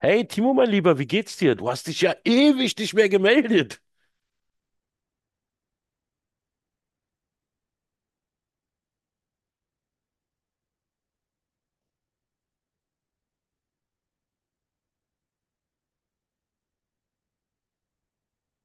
Hey, Timo, mein Lieber, wie geht's dir? Du hast dich ja ewig nicht mehr gemeldet.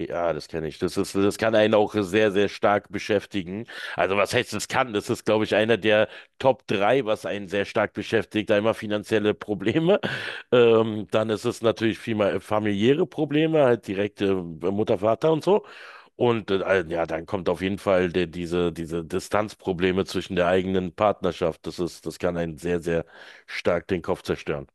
Ja, das kenne ich. Das kann einen auch sehr, sehr stark beschäftigen. Also was heißt das kann? Das ist, glaube ich, einer der Top drei, was einen sehr stark beschäftigt. Einmal finanzielle Probleme, dann ist es natürlich viel mal familiäre Probleme, halt direkte Mutter, Vater und so. Und ja, dann kommt auf jeden Fall diese Distanzprobleme zwischen der eigenen Partnerschaft. Das kann einen sehr, sehr stark den Kopf zerstören.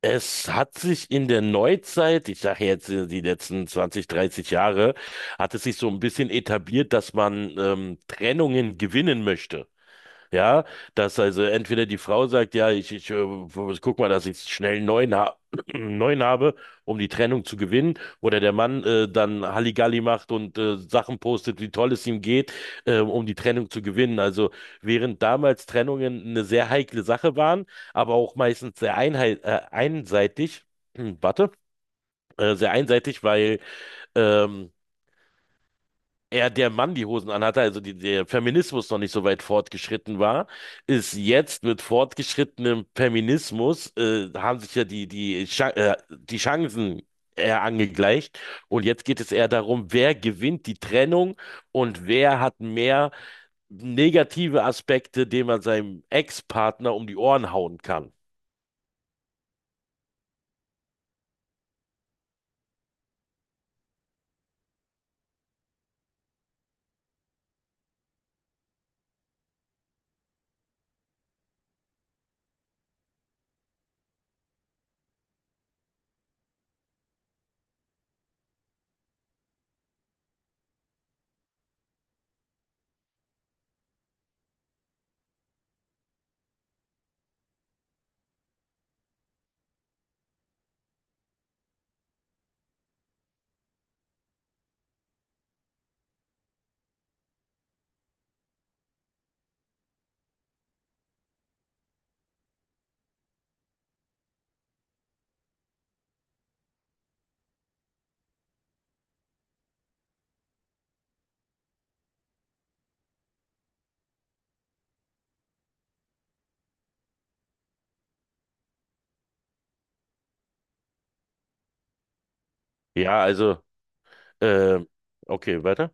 Es hat sich in der Neuzeit, ich sage jetzt die letzten 20, 30 Jahre, hat es sich so ein bisschen etabliert, dass man Trennungen gewinnen möchte. Ja, dass also entweder die Frau sagt, ja, ich guck mal, dass ich schnell einen neuen, ha einen neuen habe, um die Trennung zu gewinnen, oder der Mann dann Halligalli macht und Sachen postet, wie toll es ihm geht, um die Trennung zu gewinnen. Also während damals Trennungen eine sehr heikle Sache waren, aber auch meistens sehr einseitig, warte, sehr einseitig, weil ähm, er der Mann die Hosen anhatte, also der Feminismus noch nicht so weit fortgeschritten war, ist jetzt mit fortgeschrittenem Feminismus, haben sich ja die Chancen eher angegleicht. Und jetzt geht es eher darum, wer gewinnt die Trennung und wer hat mehr negative Aspekte, die man seinem Ex-Partner um die Ohren hauen kann. Ja, also, äh, okay, weiter.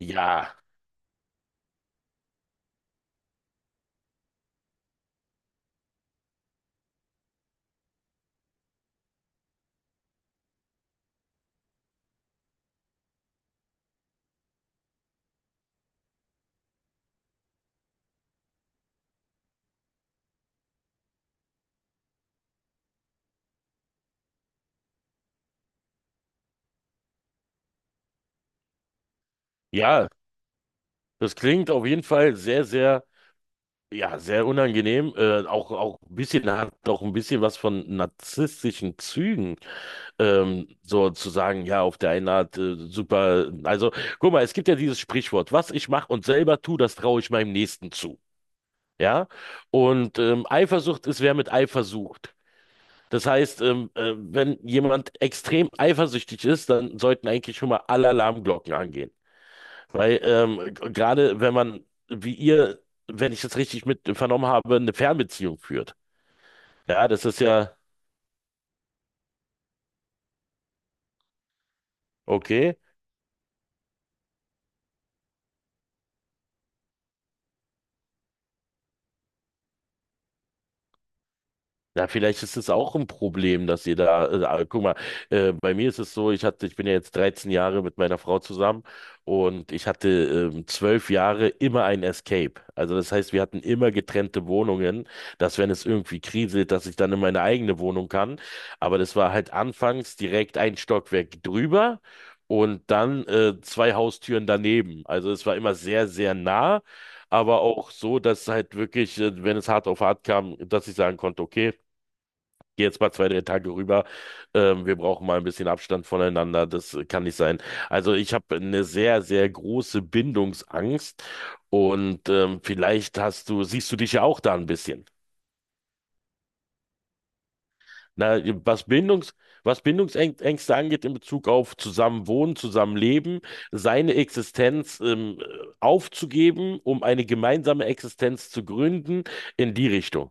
Ja, ja, das klingt auf jeden Fall sehr, sehr, ja, sehr unangenehm. Auch, auch ein bisschen hat auch ein bisschen was von narzisstischen Zügen, so zu sagen, ja, auf der einen Art super. Also, guck mal, es gibt ja dieses Sprichwort, was ich mache und selber tue, das traue ich meinem Nächsten zu. Ja. Und Eifersucht ist, wer mit Eifer sucht. Das heißt, wenn jemand extrem eifersüchtig ist, dann sollten eigentlich schon mal alle Alarmglocken angehen. Weil gerade wenn man, wie ihr, wenn ich das richtig mit vernommen habe, eine Fernbeziehung führt. Ja, das ist ja okay. Ja, vielleicht ist es auch ein Problem, dass ihr da, guck mal, bei mir ist es so, ich bin ja jetzt 13 Jahre mit meiner Frau zusammen und ich hatte 12 Jahre immer ein Escape. Also das heißt, wir hatten immer getrennte Wohnungen, dass wenn es irgendwie kriselt, dass ich dann in meine eigene Wohnung kann. Aber das war halt anfangs direkt ein Stockwerk drüber und dann zwei Haustüren daneben. Also es war immer sehr, sehr nah. Aber auch so, dass halt wirklich, wenn es hart auf hart kam, dass ich sagen konnte, okay, geh jetzt mal 2, 3 Tage rüber. Wir brauchen mal ein bisschen Abstand voneinander. Das kann nicht sein. Also ich habe eine sehr, sehr große Bindungsangst und vielleicht siehst du dich ja auch da ein bisschen. Na, was Bindungsängste angeht in Bezug auf Zusammenwohnen, Zusammenleben, seine Existenz aufzugeben, um eine gemeinsame Existenz zu gründen, in die Richtung.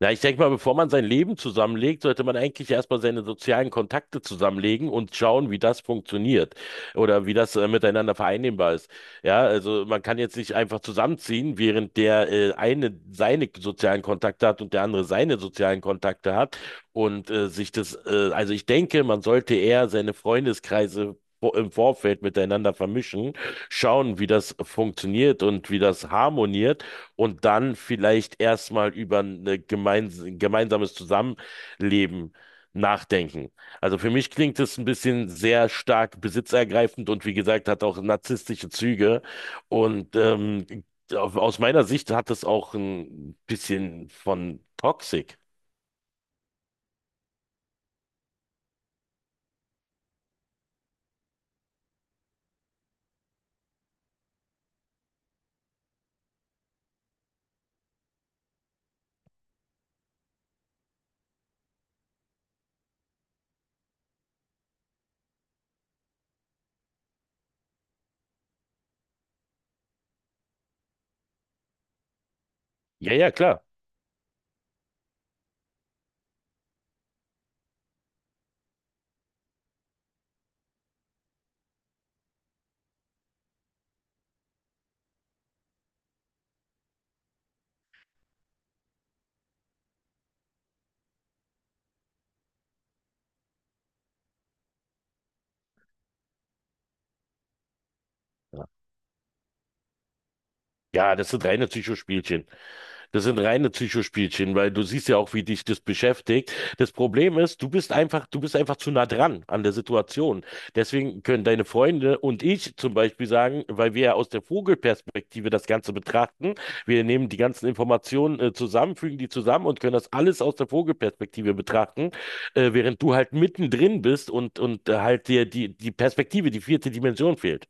Na, ich denke mal, bevor man sein Leben zusammenlegt, sollte man eigentlich erstmal seine sozialen Kontakte zusammenlegen und schauen, wie das funktioniert oder wie das miteinander vereinnehmbar ist. Ja, also man kann jetzt nicht einfach zusammenziehen, während der eine seine sozialen Kontakte hat und der andere seine sozialen Kontakte hat und also ich denke, man sollte eher seine Freundeskreise im Vorfeld miteinander vermischen, schauen, wie das funktioniert und wie das harmoniert und dann vielleicht erstmal über ein gemeinsames Zusammenleben nachdenken. Also für mich klingt es ein bisschen sehr stark besitzergreifend und wie gesagt, hat auch narzisstische Züge. Und aus meiner Sicht hat es auch ein bisschen von Toxic. Ja, ja, klar. Ja, das sind reine Psychospielchen. Das sind reine Psychospielchen, weil du siehst ja auch, wie dich das beschäftigt. Das Problem ist, du bist einfach zu nah dran an der Situation. Deswegen können deine Freunde und ich zum Beispiel sagen, weil wir ja aus der Vogelperspektive das Ganze betrachten, wir nehmen die ganzen Informationen zusammen, fügen die zusammen und können das alles aus der Vogelperspektive betrachten, während du halt mittendrin bist und halt dir die Perspektive, die vierte Dimension fehlt.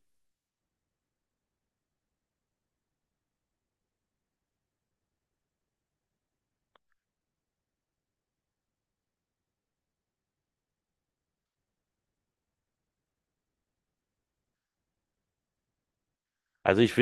Also ich,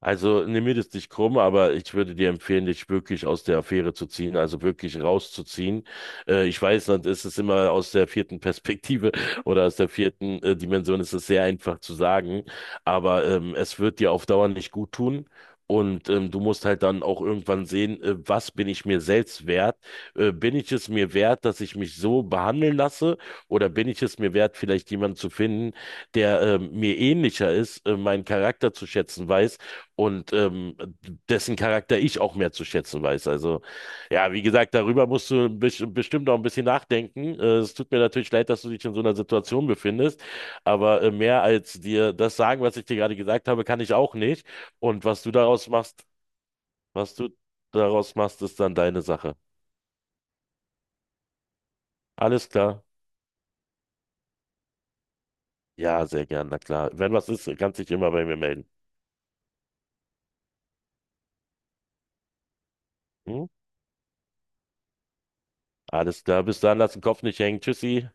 Also nimm mir das nicht krumm, aber ich würde dir empfehlen, dich wirklich aus der Affäre zu ziehen, also wirklich rauszuziehen. Ich weiß, dann ist es immer aus der vierten Perspektive oder aus der vierten Dimension ist es sehr einfach zu sagen, aber es wird dir auf Dauer nicht gut tun. Und du musst halt dann auch irgendwann sehen, was bin ich mir selbst wert? Bin ich es mir wert, dass ich mich so behandeln lasse? Oder bin ich es mir wert, vielleicht jemanden zu finden, der mir ähnlicher ist, meinen Charakter zu schätzen weiß? Und dessen Charakter ich auch mehr zu schätzen weiß. Also ja, wie gesagt, darüber musst du bestimmt auch ein bisschen nachdenken. Es tut mir natürlich leid, dass du dich in so einer Situation befindest, aber mehr als dir das sagen, was ich dir gerade gesagt habe, kann ich auch nicht. Und was du daraus machst, ist dann deine Sache. Alles klar? Ja, sehr gern, na klar. Wenn was ist, kannst dich immer bei mir melden. Hm? Alles klar, bis dann, lass den Kopf nicht hängen. Tschüssi.